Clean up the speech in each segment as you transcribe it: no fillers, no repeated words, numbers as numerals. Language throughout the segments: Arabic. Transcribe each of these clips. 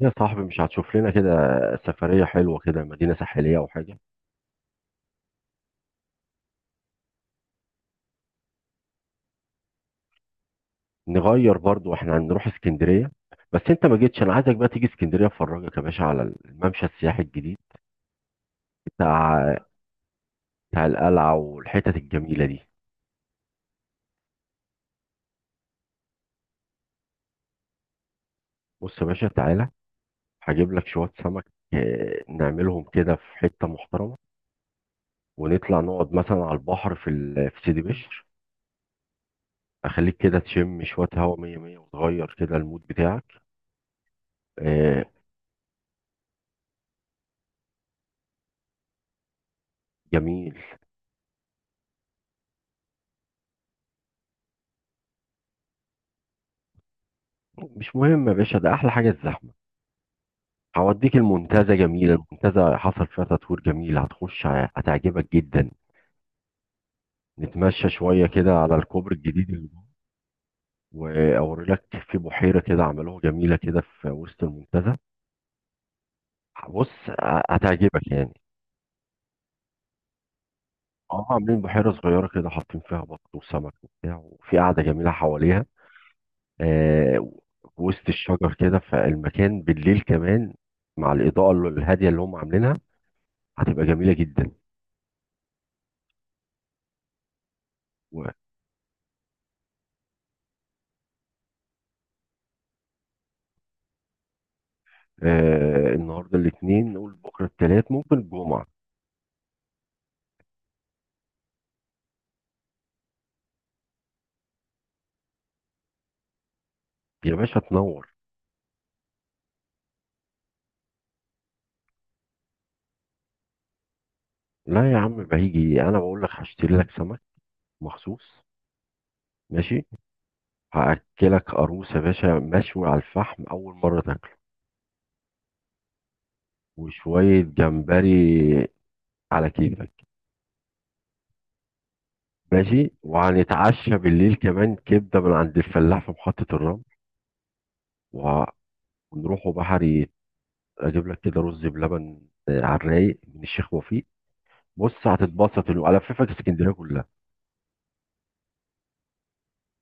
يا صاحبي مش هتشوف لنا كده سفرية حلوة كده، مدينة ساحلية أو حاجة؟ نغير برضو، احنا هنروح اسكندرية. بس انت ما جيتش، انا عايزك بقى تيجي اسكندرية افرجك يا باشا على الممشى السياحي الجديد بتاع بتاع القلعة والحتت الجميلة دي. بص يا باشا، تعالى هجيب لك شوية سمك. اه، نعملهم كده في حتة محترمة، ونطلع نقعد مثلا على البحر في سيدي بشر. اخليك كده تشم شوية هوا مية مية، وتغير كده المود بتاعك. اه، جميل. مش مهم يا باشا، ده احلى حاجة الزحمة. هوديك المنتزه، جميله المنتزه، حصل فيها تطوير جميل، هتخش هتعجبك جدا. نتمشى شويه كده على الكوبري الجديد اللي جوه واوريلك. في بحيره كده عملوها جميله كده في وسط المنتزه. بص هتعجبك يعني. اه، عاملين بحيره صغيره كده، حاطين فيها بط وسمك وبتاع، وفي قاعده جميله حواليها. آه في وسط الشجر كده، فالمكان بالليل كمان مع الاضاءه الهاديه اللي هم عاملينها هتبقى جميله جدا. النهارده الاثنين، نقول بكره الثلاث، ممكن الجمعه. يا باشا تنور. لا يا عم بهيجي، انا بقول لك هشتري لك سمك مخصوص. ماشي. هاكلك قاروص يا باشا مشوي على الفحم، اول مره تاكله، وشويه جمبري على كيفك. ماشي، وهنتعشى بالليل كمان كبده من عند الفلاح في محطه الرمل، ونروحوا بحري اجيب لك كده رز بلبن. على الرايق من الشيخ وفيق. بص هتتبسط، الففك اسكندريه كلها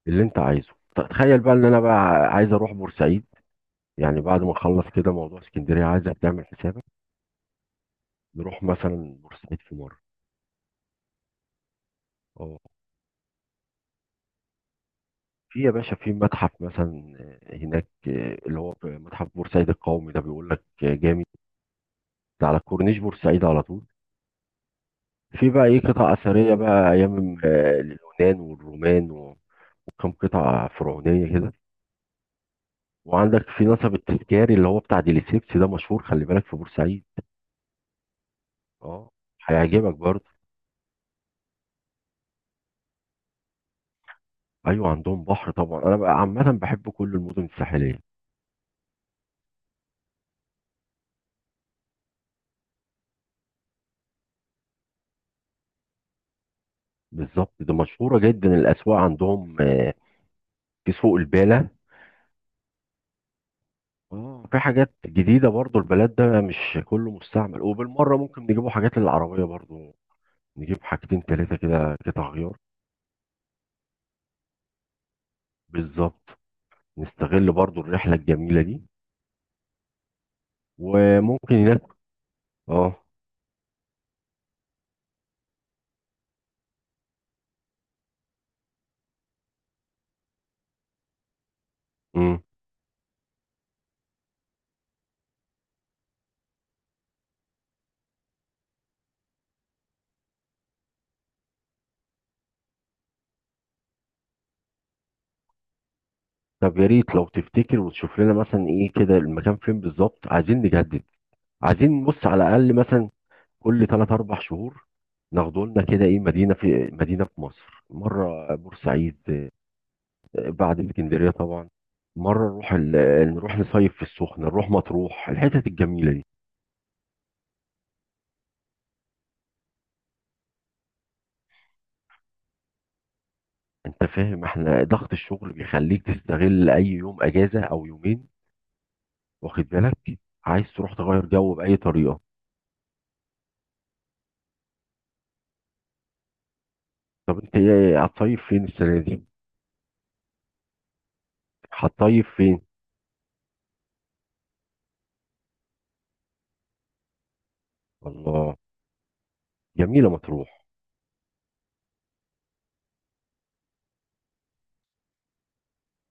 اللي انت عايزه. تخيل بقى ان انا بقى عايز اروح بورسعيد. يعني بعد ما نخلص كده موضوع اسكندريه، عايزك تعمل حسابك نروح مثلا بورسعيد في مره. اه، في يا باشا، في متحف مثلا. آه، هناك آه، اللي هو في متحف بورسعيد القومي ده، بيقول لك جامد. ده على كورنيش بورسعيد على طول. في بقى ايه؟ قطع اثريه بقى، ايام اليونان والرومان و- وكم قطعه فرعونيه كده. وعندك في نصب التذكاري اللي هو بتاع ديليسيبس ده، مشهور، خلي بالك في بورسعيد. اه، هيعجبك برضه. ايوه عندهم بحر طبعا، انا بقى عامه بحب كل المدن الساحليه. بالظبط، ده مشهوره جدا الاسواق عندهم في سوق البالة. اه، في حاجات جديده برضو، البلد ده مش كله مستعمل. وبالمره ممكن نجيبوا حاجات للعربيه برضو، نجيب حاجتين ثلاثه كده قطع غيار. بالظبط، نستغل برضو الرحله الجميله دي. وممكن هناك اه. امم. طب يا ريت لو تفتكر وتشوف لنا مثلا ايه كده المكان فين بالظبط، عايزين نجدد، عايزين نبص على الاقل مثلا كل 3 4 شهور، ناخدوا لنا كده ايه، مدينه في مدينه في مصر، مره بورسعيد بعد اسكندريه طبعا، مره نروح نصيف في السخنه، نروح مطروح الحتت الجميله دي. انت فاهم، احنا ضغط الشغل بيخليك تستغل اي يوم اجازه او يومين، واخد بالك؟ عايز تروح تغير جو باي طريقه. طب انت ايه هتصيف فين السنه دي؟ هتصيف فين؟ الله، جميله مطروح.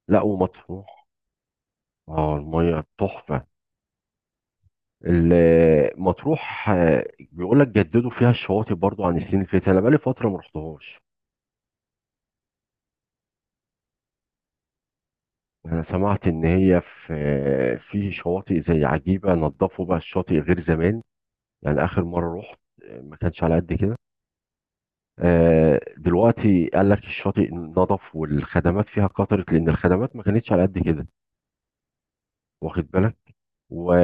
لا ومطروح، اه الميه تحفه. مطروح بيقول لك جددوا فيها الشواطئ برضو، عن السنين اللي فاتت انا بقالي فتره ما رحتهاش. انا سمعت ان هي في في شواطئ زي عجيبه، نظفوا بقى الشاطئ غير زمان. يعني اخر مره رحت، ما كانش على قد كده. دلوقتي قال لك الشاطئ نظف، والخدمات فيها كترت، لان الخدمات ما كانتش على قد كده، واخد بالك؟ و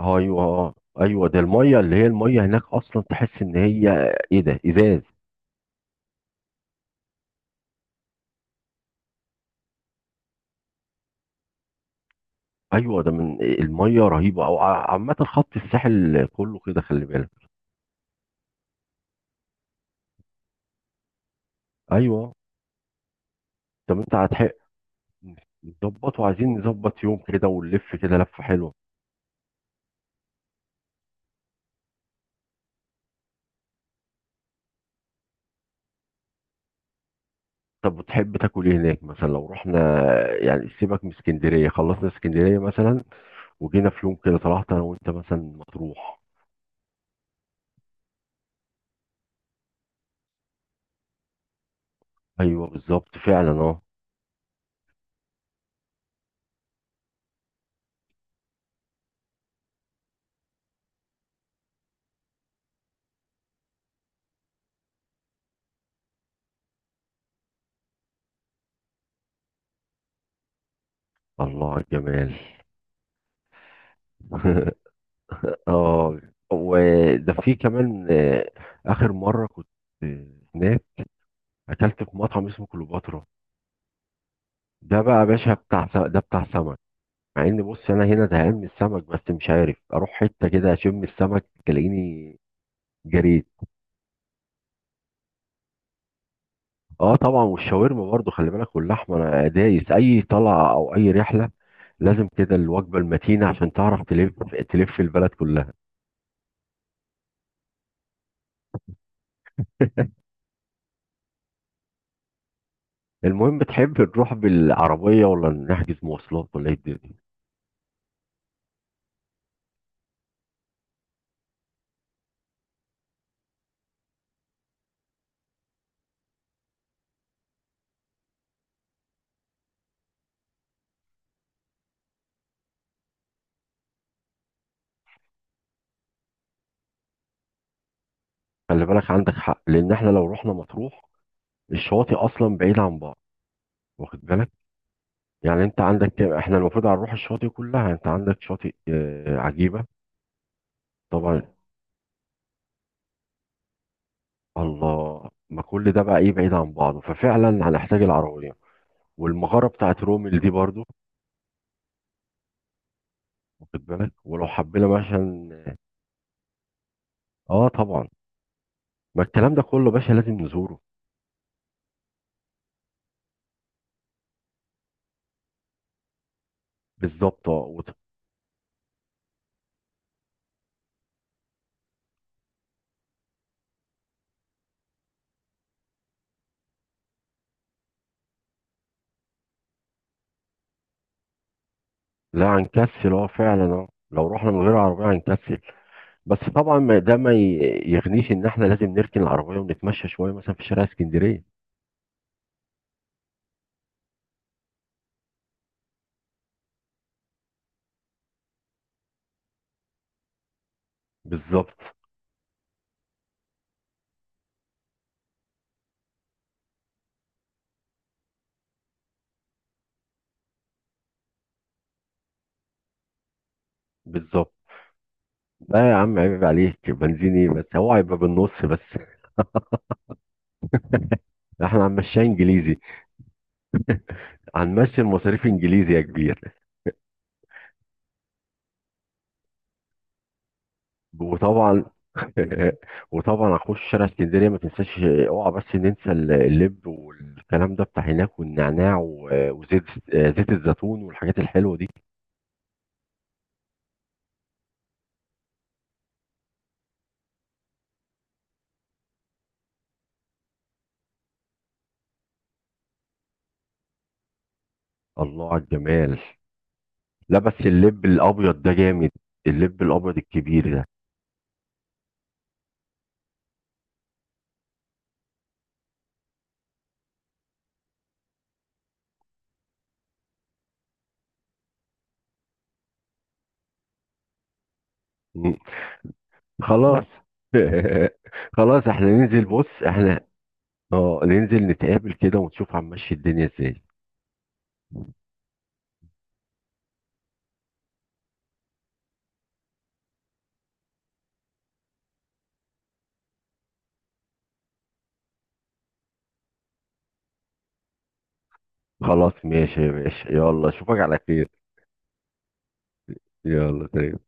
ايوه، ايوه ده الميه، اللي هي الميه هناك اصلا تحس ان هي ايه ده، ازاز. ايوه ده من الميه رهيبه، او عامه خط الساحل كله كده، خلي بالك. ايوه. طب انت هتحق، نظبط، وعايزين نظبط يوم كده ونلف كده لفه حلوه. طب وتحب تاكل ايه هناك مثلا لو رحنا؟ يعني سيبك من اسكندريه، خلصنا اسكندريه مثلا، وجينا في يوم كده طلعت انا وانت مثلا مطروح. ايوه بالظبط فعلا اه. الله على الجمال. اه، وده في كمان اخر مره كنت آه، هناك اكلت في مطعم اسمه كليوباترا. ده بقى يا باشا بتاع ده بتاع سمك. مع ان بص انا هنا زهقان من السمك، بس مش عارف اروح حته كده اشم السمك تلاقيني جريت. اه طبعا، والشاورما برضو خلي بالك، واللحمه، انا دايس اي طلعه او اي رحله لازم كده الوجبه المتينه عشان تعرف تلف تلف البلد كلها. المهم، تحب نروح بالعربيه ولا نحجز مواصلات ولا ايه الدنيا؟ خلي بالك، عندك حق، لان احنا لو رحنا مطروح الشواطئ اصلا بعيده عن بعض، واخد بالك؟ يعني انت عندك كام؟ احنا المفروض هنروح الشواطئ كلها، انت عندك شاطئ عجيبة طبعا. الله، ما كل ده بقى ايه بعيد عن بعضه، ففعلا هنحتاج العربية. والمغارة بتاعت رومل دي برضو، واخد بالك؟ ولو حبينا مثلا اه طبعا، ما الكلام ده كله باشا لازم نزوره. بالظبط اه لا هنكسل، اه فعلا، اه لو رحنا من غير عربية هنكسل. بس طبعا ده ما يغنيش ان احنا لازم نركن العربية ونتمشى شوية مثلا في شارع اسكندرية. بالظبط بالظبط. لا يا عم عيب عليك بنزيني، بس هو هيبقى بالنص بس. احنا هنمشيها انجليزي، هنمشي المصاريف انجليزي يا كبير. وطبعا وطبعا هخش شارع اسكندريه ما تنساش. اوعى بس ننسى اللب والكلام ده بتاع هناك، والنعناع وزيت زيت الزيتون والحاجات الحلوه دي. الله على الجمال. لا بس اللب الابيض ده جامد، اللب الابيض الكبير ده. م. خلاص. خلاص احنا ننزل، بص احنا اه ننزل نتقابل كده، ونشوف هنمشي الدنيا ازاي. خلاص ماشي ماشي، يلا اشوفك على خير. يلا سلام.